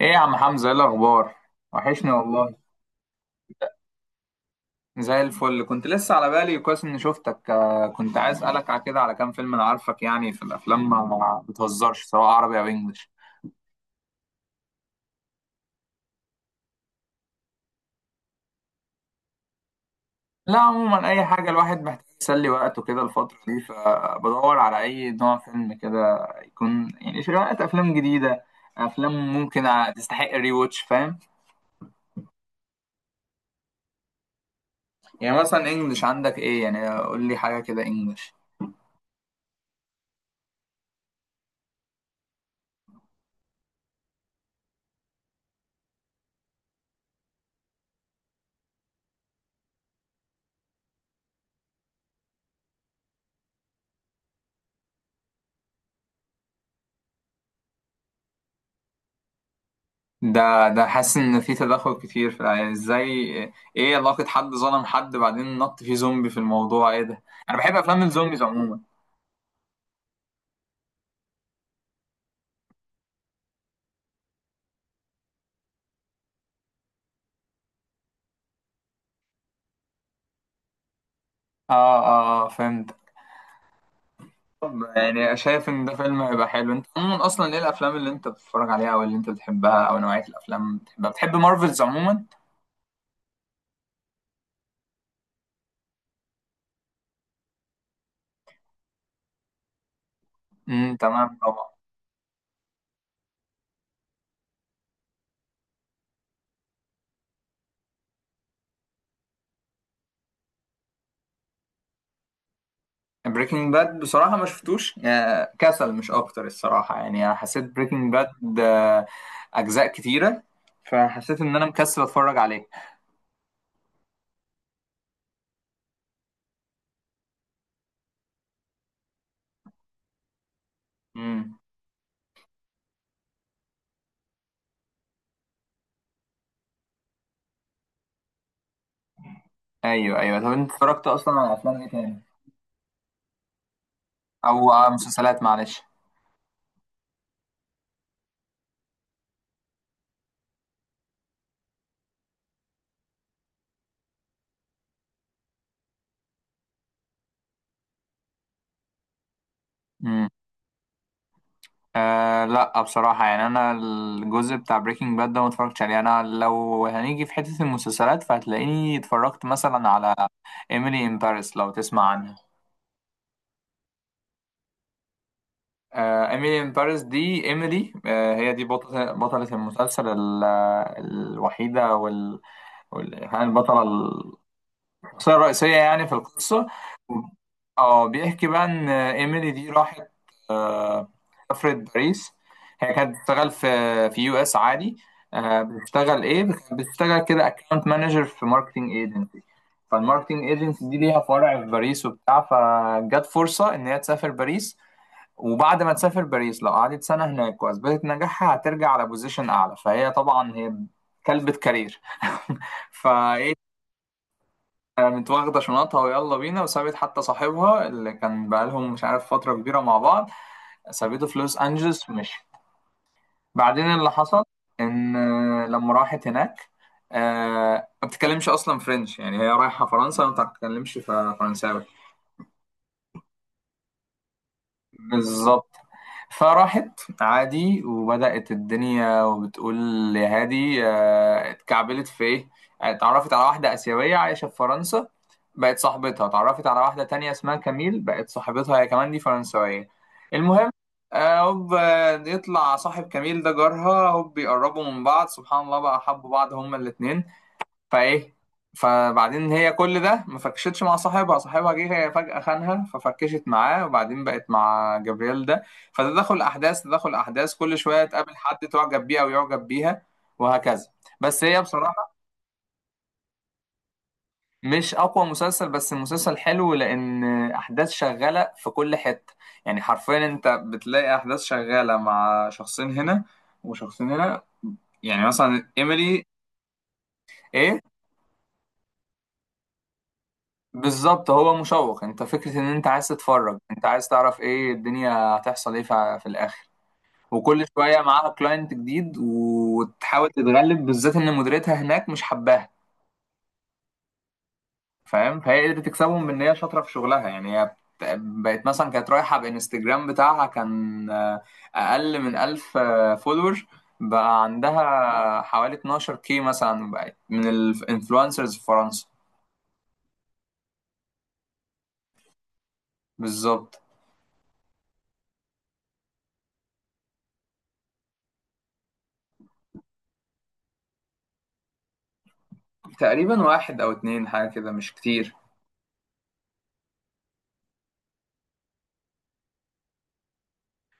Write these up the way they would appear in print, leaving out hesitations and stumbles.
ايه يا عم حمزة، ايه الاخبار؟ وحشني والله. زي الفل. كنت لسه على بالي، كويس اني شفتك. كنت عايز اسالك على كده، على كام فيلم. انا عارفك يعني في الافلام ما بتهزرش سواء عربي او انجليش. لا عموما اي حاجه، الواحد محتاج يسلي وقته كده الفتره دي، فبدور على اي نوع فيلم كده يكون يعني شوية افلام جديده، افلام ممكن تستحق ري واتش، فاهم؟ يعني مثلا انجليش، عندك ايه؟ يعني قول لي حاجه كده انجليش. ده حاسس ان في تدخل كتير في العيال. ازاي؟ ايه علاقة حد ظلم حد بعدين نط فيه زومبي في الموضوع؟ ايه ده؟ انا بحب افلام الزومبيز عموما. اه، اه، فهمت. طب يعني شايف ان ده فيلم هيبقى حلو؟ انت عموما اصلا ايه الافلام اللي انت بتتفرج عليها او اللي انت بتحبها او نوعية الافلام اللي بتحبها؟ بتحب مارفلز عموما؟ امم، تمام طبعا. بريكنج باد بصراحة ما شفتوش. كسل مش اكتر الصراحة. يعني انا حسيت بريكنج باد اجزاء كتيرة، فحسيت ان انا مكسل اتفرج عليه. امم. ايوه، ايوه، طب انت اتفرجت اصلا على افلام ايه تاني او على مسلسلات؟ معلش. امم. آه، لا بصراحه. يعني انا الجزء بتاع بريكنج باد ده ما اتفرجتش عليه. انا لو هنيجي في حته المسلسلات، فهتلاقيني اتفرجت مثلا على ايميلي ان باريس، لو تسمع عنها. آه، ايميلي ان باريس دي، ايميلي، آه، هي دي بطله، المسلسل الوحيده وال, يعني البطله، الشخصيه الرئيسيه يعني في القصه. اه بيحكي بقى ان ايميلي دي راحت، آه، سافرت باريس. هي كانت بتشتغل في يو اس عادي. بتشتغل ايه؟ كانت بتشتغل كده اكونت مانجر في ماركتنج ايجنسي. فالماركتنج ايجنسي دي ليها فرع في باريس وبتاع، فجت فرصة ان هي تسافر باريس، وبعد ما تسافر باريس لو قعدت سنة هناك واثبتت نجاحها هترجع على بوزيشن اعلى. فهي طبعا هي كلبة كارير. فايه، كانت واخدة شنطها ويلا بينا وسابت حتى صاحبها اللي كان بقالهم مش عارف فترة كبيرة مع بعض، سابته في لوس أنجلوس ومشي. بعدين اللي حصل إن، لما راحت هناك ما بتتكلمش أصلا فرنش. يعني هي رايحة فرنسا وما بتتكلمش فرنساوي. بالظبط. فراحت عادي وبدأت الدنيا وبتقول يا هادي. اتكعبلت في ايه؟ اتعرفت على واحدة آسيوية عايشة في فرنسا، بقت صاحبتها. اتعرفت على واحدة تانية اسمها كميل، بقت صاحبتها هي كمان، دي فرنسوية. المهم، هوب يطلع صاحب كميل ده جارها، هوب بيقربوا من بعض، سبحان الله بقى حبوا بعض هما الاتنين. فايه، فبعدين هي كل ده ما فركشتش مع صاحبها. صاحبها جه هي فجأة خانها ففركشت معاه، وبعدين بقت مع جبريل ده. فتدخل احداث، تدخل احداث كل شوية تقابل حد تعجب بيه او يعجب بيها، وهكذا. بس هي بصراحة مش اقوى مسلسل، بس المسلسل حلو لان احداث شغالة في كل حتة. يعني حرفيا انت بتلاقي احداث شغالة مع شخصين هنا وشخصين هنا. يعني مثلا ايميلي، ايه. بالظبط، هو مشوق. انت فكرة ان انت عايز تتفرج، انت عايز تعرف ايه الدنيا هتحصل ايه في الاخر. وكل شوية معاها كلاينت جديد وتحاول تتغلب، بالذات ان مديرتها هناك مش حباها. فاهم؟ فهي قدرت تكسبهم بان هي شاطرة في شغلها. يعني هي بقت مثلا، كانت رايحة بانستجرام بتاعها كان اقل من 1000 فولور، بقى عندها حوالي 12 كي مثلا. بقت من الانفلونسرز في فرنسا. بالظبط. تقريبا واحد او اتنين، حاجة كده، مش كتير.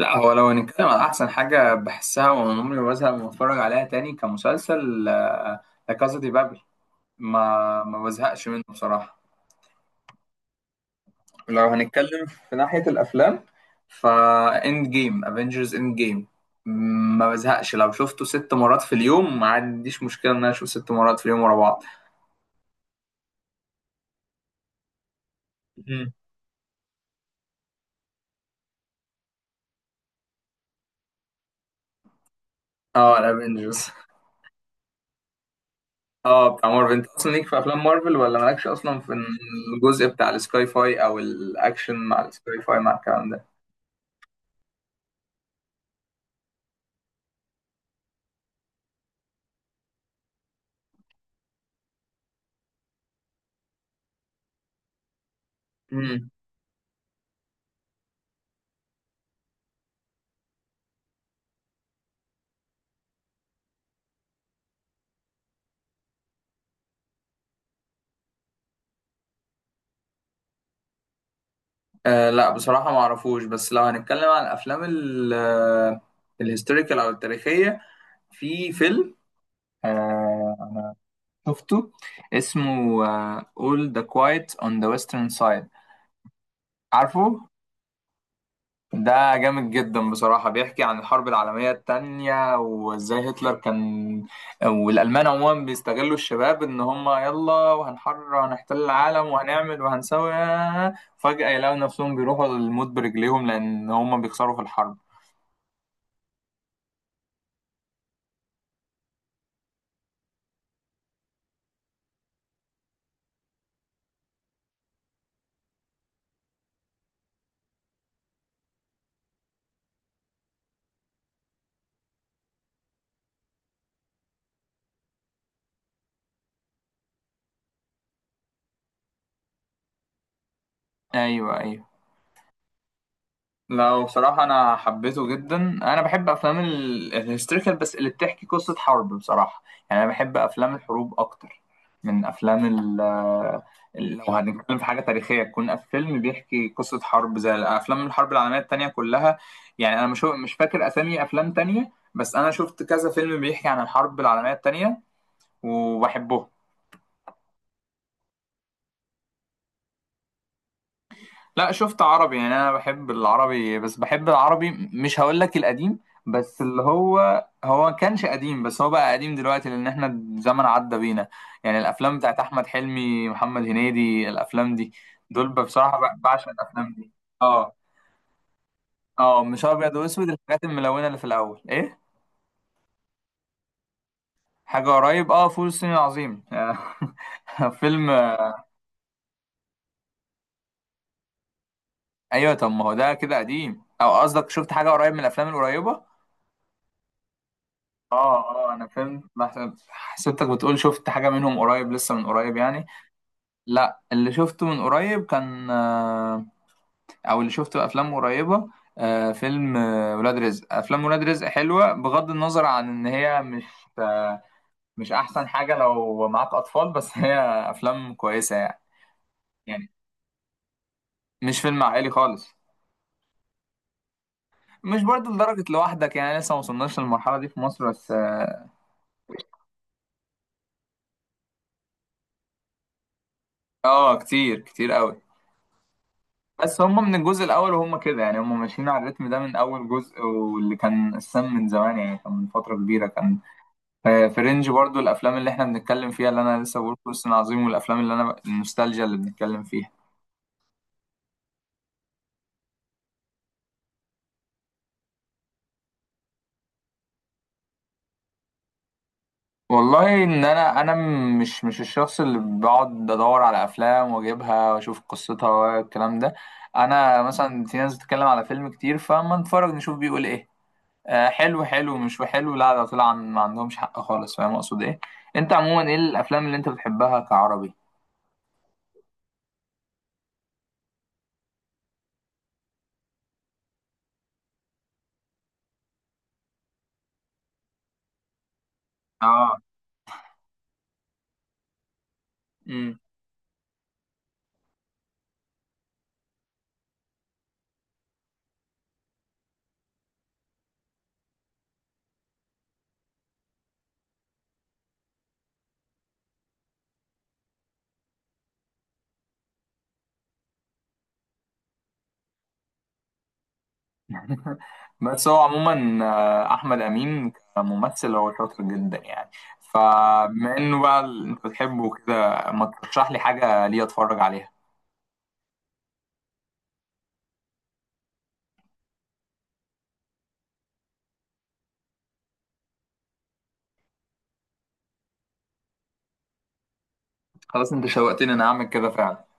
لا هو لو هنتكلم على احسن حاجه بحسها وعمري ما بزهق لما اتفرج عليها تاني كمسلسل، لا كازا دي بابل. ما بزهقش منه بصراحه. لو هنتكلم في ناحيه الافلام، فا اند جيم افنجرز اند جيم، ما بزهقش لو شفته ست مرات في اليوم. ما عنديش مشكله ان انا اشوف ست مرات في اليوم ورا بعض. مم. اه الافنجرز. اه بتاع مارفل. انت اصلا ليك في افلام مارفل ولا مالكش اصلا في الجزء بتاع السكاي فاي او الاكشن مع السكاي فاي مع الكلام ده؟ مم. آه، لا بصراحة ما اعرفوش. بس لو هنتكلم عن الافلام الهيستوريكال او التاريخية، في فيلم، آه، شفته، اسمه، آه، All the Quiet on the Western Side، عارفه؟ ده جامد جدا بصراحة. بيحكي عن الحرب العالمية التانية وازاي هتلر كان والألمان عموما بيستغلوا الشباب ان هم يلا وهنحرر وهنحتل العالم وهنعمل وهنسوي، فجأة يلاقوا نفسهم بيروحوا للموت برجليهم لأن هم بيخسروا في الحرب. ايوه، ايوه. لا هو بصراحة أنا حبيته جدا. أنا بحب أفلام الهيستوريكال بس اللي بتحكي قصة حرب بصراحة. يعني أنا بحب أفلام الحروب أكتر من أفلام لو هنتكلم في حاجة تاريخية تكون فيلم بيحكي قصة حرب زي أفلام الحرب العالمية التانية كلها. يعني أنا مش فاكر أسامي أفلام تانية، بس أنا شفت كذا فيلم بيحكي عن الحرب العالمية التانية وبحبهم. لا شفت عربي. يعني انا بحب العربي، بس بحب العربي مش هقول لك القديم، بس اللي هو هو كانش قديم بس هو بقى قديم دلوقتي لان احنا الزمن عدى بينا. يعني الافلام بتاعت احمد حلمي، محمد هنيدي، الافلام دي دول بصراحة بعشق الافلام دي. اه، اه، مش ابيض واسود، الحاجات الملونة اللي في الاول. ايه؟ حاجة قريب؟ اه، فول الصين العظيم. فيلم. ايوه، طب ما هو ده كده قديم، او قصدك شفت حاجة قريب من الافلام القريبة؟ اه، اه، انا فهمت. حسبتك بتقول شفت حاجة منهم قريب، لسه من قريب يعني. لا اللي شفته من قريب كان، او اللي شفته افلام قريبة، فيلم، ولاد رزق. افلام ولاد رزق حلوة، بغض النظر عن ان هي مش، آه، مش احسن حاجة لو معاك اطفال، بس هي افلام كويسة يعني. يعني مش فيلم عائلي خالص. مش برضه لدرجة لوحدك يعني، لسه ما وصلناش للمرحلة دي في مصر، بس اه. كتير كتير قوي. بس هم من الجزء الاول وهم كده، يعني هم ماشيين على الريتم ده من اول جزء. واللي كان السم من زمان يعني، كان من فتره كبيره كان، في رينج برضو الافلام اللي احنا بنتكلم فيها، اللي انا لسه بقول فلسطين عظيم والافلام اللي انا النوستالجيا اللي بنتكلم فيها. والله ان انا، انا مش الشخص اللي بقعد ادور على افلام واجيبها واشوف قصتها والكلام ده. انا مثلا في ناس بتتكلم على فيلم كتير فما نتفرج نشوف بيقول ايه، حلو حلو مش وحلو، لا ده طلع ما عندهمش حق خالص. فاهم اقصد ايه؟ انت عموما ايه الافلام اللي انت بتحبها كعربي؟ اه. امم. بس هو عموما، احمد امين كممثل هو شاطر جدا يعني. فبما انه بقى انت بتحبه كده، ما ترشح لي حاجه ليه اتفرج عليها. خلاص، انت شوقتني. انا اعمل كده فعلا.